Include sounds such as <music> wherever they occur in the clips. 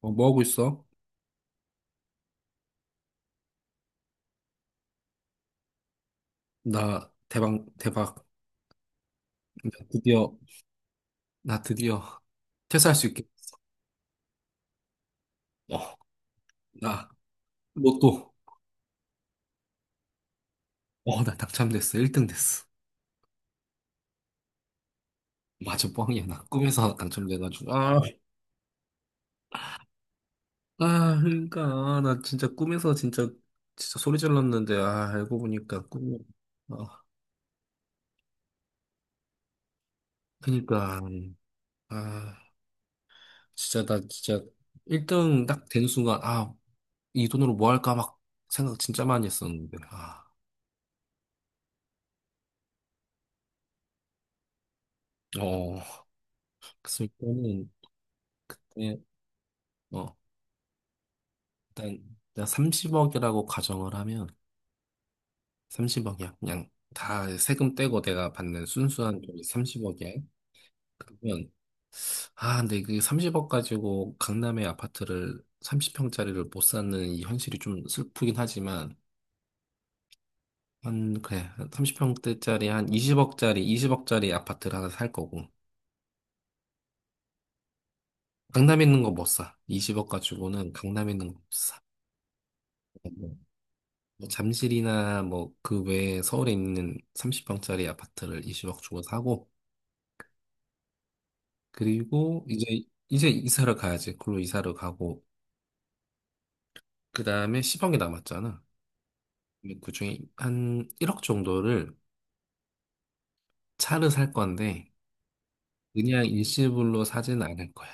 어, 뭐 하고 있어? 나 대박, 대박. 나 드디어, 나 드디어 퇴사할 수 있게 됐어. 어, 나 로또. 어, 나 당첨됐어. 1등 됐어. 맞아, 뻥이야. 나 꿈에서 당첨돼가지고. 아, 아, 그러니까. 나 진짜 꿈에서 진짜, 진짜 소리 질렀는데, 아, 알고 보니까 꿈이, 아, 그니까. 아, 진짜 나 진짜 1등 딱 된 순간, 아, 이 돈으로 뭐 할까 막 생각 진짜 많이 했었는데, 아, 어. 그래서 일단은 예, 어, 일단, 내가 30억이라고 가정을 하면, 30억이야. 그냥 다 세금 떼고 내가 받는 순수한 돈이 30억이야. 그러면, 아, 근데 그 30억 가지고 강남의 아파트를 30평짜리를 못 사는 이 현실이 좀 슬프긴 하지만, 한, 그래, 30평대짜리 한 20억짜리 아파트를 하나 살 거고, 강남에 있는 거 못 사. 20억 가지고는 강남에 있는 거 못 사. 뭐 잠실이나 뭐 그 외에 서울에 있는 30평짜리 아파트를 20억 주고 사고 그리고 이제 이사를 가야지. 그걸로 이사를 가고 그다음에 10억이 남았잖아. 근데 그중에 한 1억 정도를 차를 살 건데 그냥 일시불로 사진 않을 거야.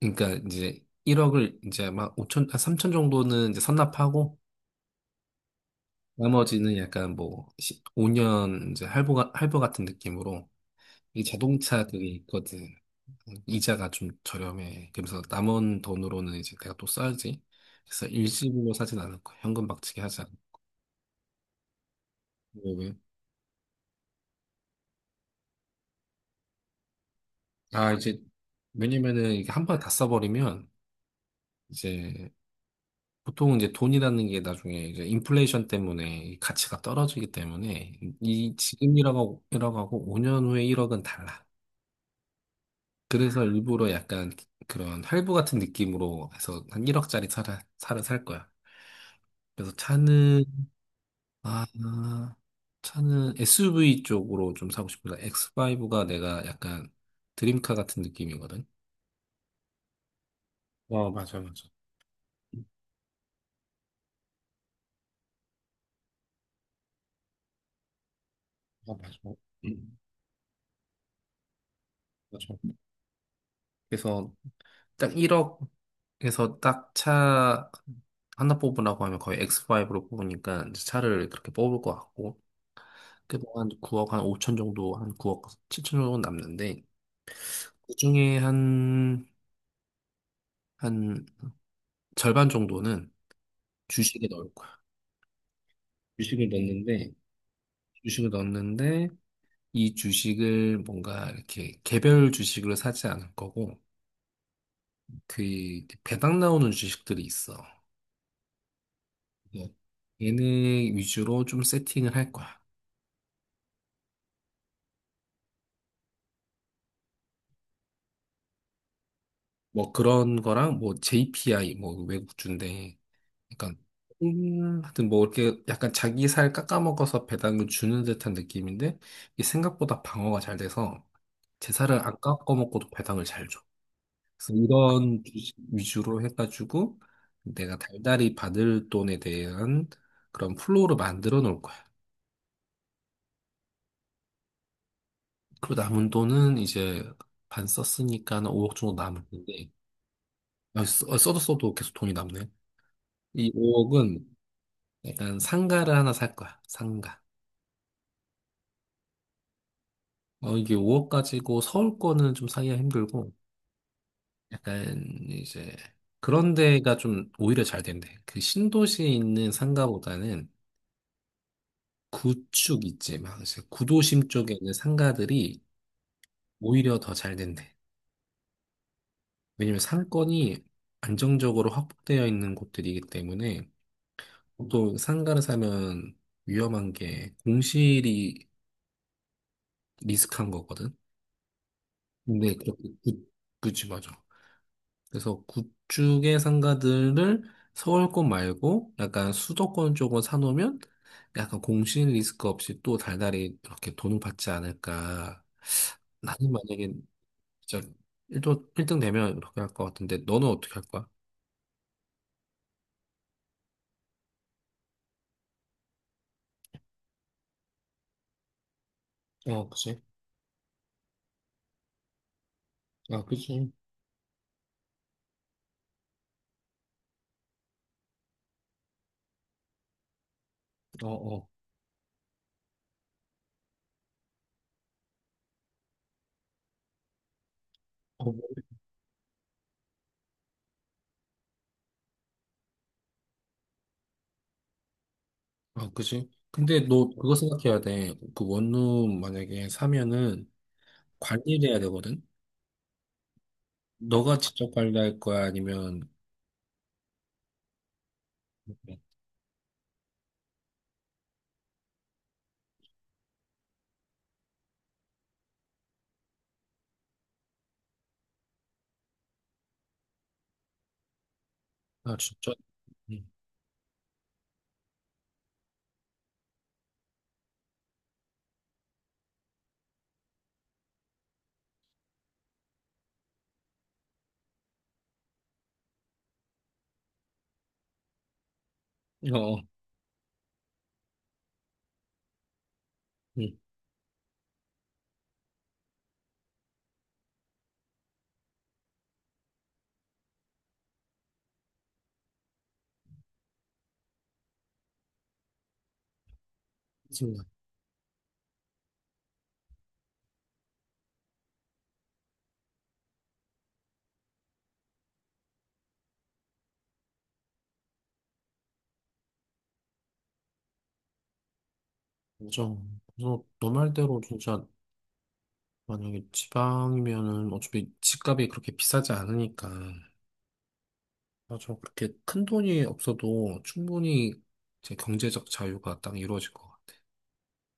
그러니까 이제 1억을 이제 막 5천, 아, 3천 정도는 이제 선납하고 나머지는 약간 뭐 5년 이제 할부 같은 느낌으로 이 자동차 그게 있거든. 이자가 좀 저렴해. 그래서 남은 돈으로는 이제 내가 또 써야지. 그래서 일시불로 사진 않을 거야. 현금 박치기 하지 않 왜? 아, 이제, 왜냐면은 이게 한 번에 다 써버리면 이제 보통 이제 돈이라는 게 나중에 이제 인플레이션 때문에 이 가치가 떨어지기 때문에 이 지금 1억 하고 억 하고 5년 후에 1억은 달라. 그래서 일부러 약간 그런 할부 같은 느낌으로 해서 한 1억짜리 차를 살 거야. 그래서 아, 차는 SUV 쪽으로 좀 사고 싶다. X5가 내가 약간 드림카 같은 느낌이거든. 어, 맞아, 맞아. 어 맞아. 음. 맞아. 그래서 딱 1억에서 딱 차 하나 뽑으라고 하면 거의 X5로 뽑으니까 이제 차를 그렇게 뽑을 것 같고, 그래도 한 9억, 한 5천 정도, 한 9억, 7천 정도 남는데, 그중에 한 절반 정도는 주식에 넣을 거야. 주식을 넣는데, 주식을 넣는데, 이 주식을 뭔가 이렇게 개별 주식으로 사지 않을 거고 그 배당 나오는 주식들이 있어. 뭐 얘네 위주로 좀 세팅을 할 거야. 뭐 그런 거랑 뭐 JPI 뭐 외국주인데 약간 하여튼 뭐 이렇게 약간 자기 살 깎아먹어서 배당을 주는 듯한 느낌인데 이게 생각보다 방어가 잘 돼서 제 살을 안 깎아먹고도 배당을 잘 줘. 그래서 이런 위주로 해가지고 내가 달달이 받을 돈에 대한 그런 플로우를 만들어 놓을 거야. 그리고 남은 돈은 이제 반 썼으니까 한 5억 정도 남을 텐데 아, 써도 써도 계속 돈이 남네. 이 5억은 약간 상가를 하나 살 거야. 상가. 어, 이게 5억 가지고 서울 거는 좀 사기가 힘들고 약간 이제 그런 데가 좀 오히려 잘 된대. 그 신도시에 있는 상가보다는 구축 있지. 막 그래서 구도심 쪽에 있는 상가들이 오히려 더 잘 된대. 왜냐면 상권이 안정적으로 확보되어 있는 곳들이기 때문에 보통 상가를 사면 위험한 게 공실이 리스크한 거거든. 근데 그렇게 그치 맞아. 그래서 구축의 상가들을 서울권 말고 약간 수도권 쪽으로 사놓으면 약간 공실 리스크 없이 또 달달이 이렇게 돈을 받지 않을까. 나는 만약에 진짜 1등, 일등 되면 그렇게 할 것 같은데 너는 어떻게 할 거야? 어, 그지? 아, 그지? 어, 어. 어, 아, 그지? 근데 너 그거 생각해야 돼. 그 원룸 만약에 사면은 관리를 해야 되거든? 너가 직접 관리할 거야? 아니면 아, 진짜. 응. 어, 어. 음, 정말. 인정. 그래서 너 말대로 진짜 만약에 지방이면은 어차피 집값이 그렇게 비싸지 않으니까. 맞아. 그렇게 큰 돈이 없어도 충분히 제 경제적 자유가 딱 이루어질 것 같아.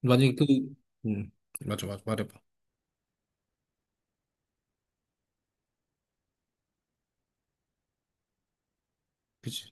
만약에 그, 음, 맞아, 맞아, 말해봐. 그치.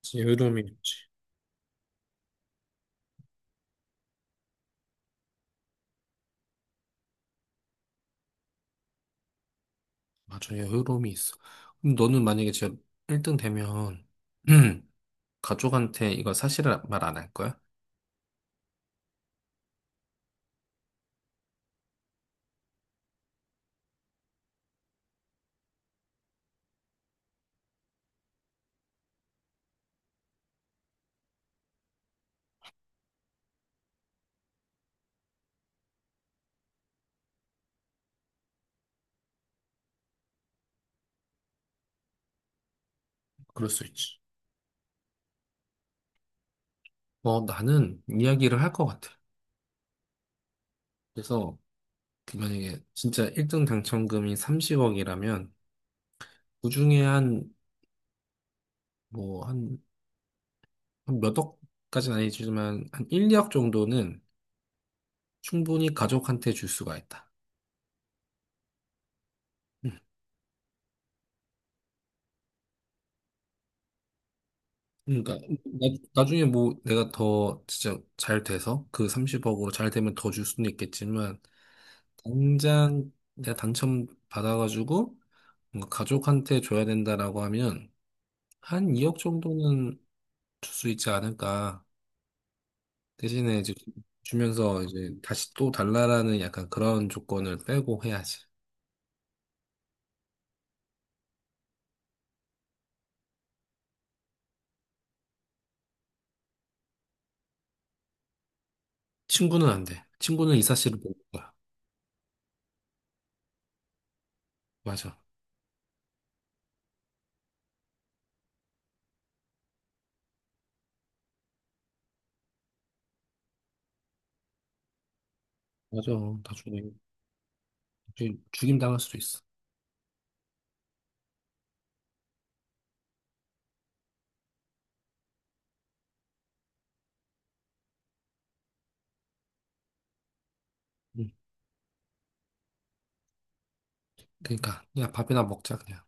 그치, 여유로움이 있지. 맞아, 여유로움이 있어. 그럼 너는 만약에 진짜 1등 되면, <clears throat> 가족한테 이거 사실을 말 안 할 거야? 그럴 수 있지. 어, 나는 이야기를 할 것 같아. 그래서, 그 만약에 진짜 1등 당첨금이 30억이라면, 그중에 한, 뭐, 한 몇 억까지는 아니지만 한 1, 2억 정도는 충분히 가족한테 줄 수가 있다. 음. 그러니까 중에뭐 내가 더 진짜 잘 돼서 그 30억으로 잘 되면 더 줄 수는 있겠지만 당장 내가 당첨 받아가지고 뭔가 가족한테 줘야 된다라고 하면 한 2억 정도는 줄 수 있지 않을까. 대신에 이제 주면서 이제 다시 또 달라라는 약간 그런 조건을 빼고 해야지. 친구는 안 돼. 친구는 이 사실을 모를 거야. 맞아. 맞아. 나중에 죽임 당할 수도 있어. 응. 그러니까 그냥 밥이나 먹자 그냥.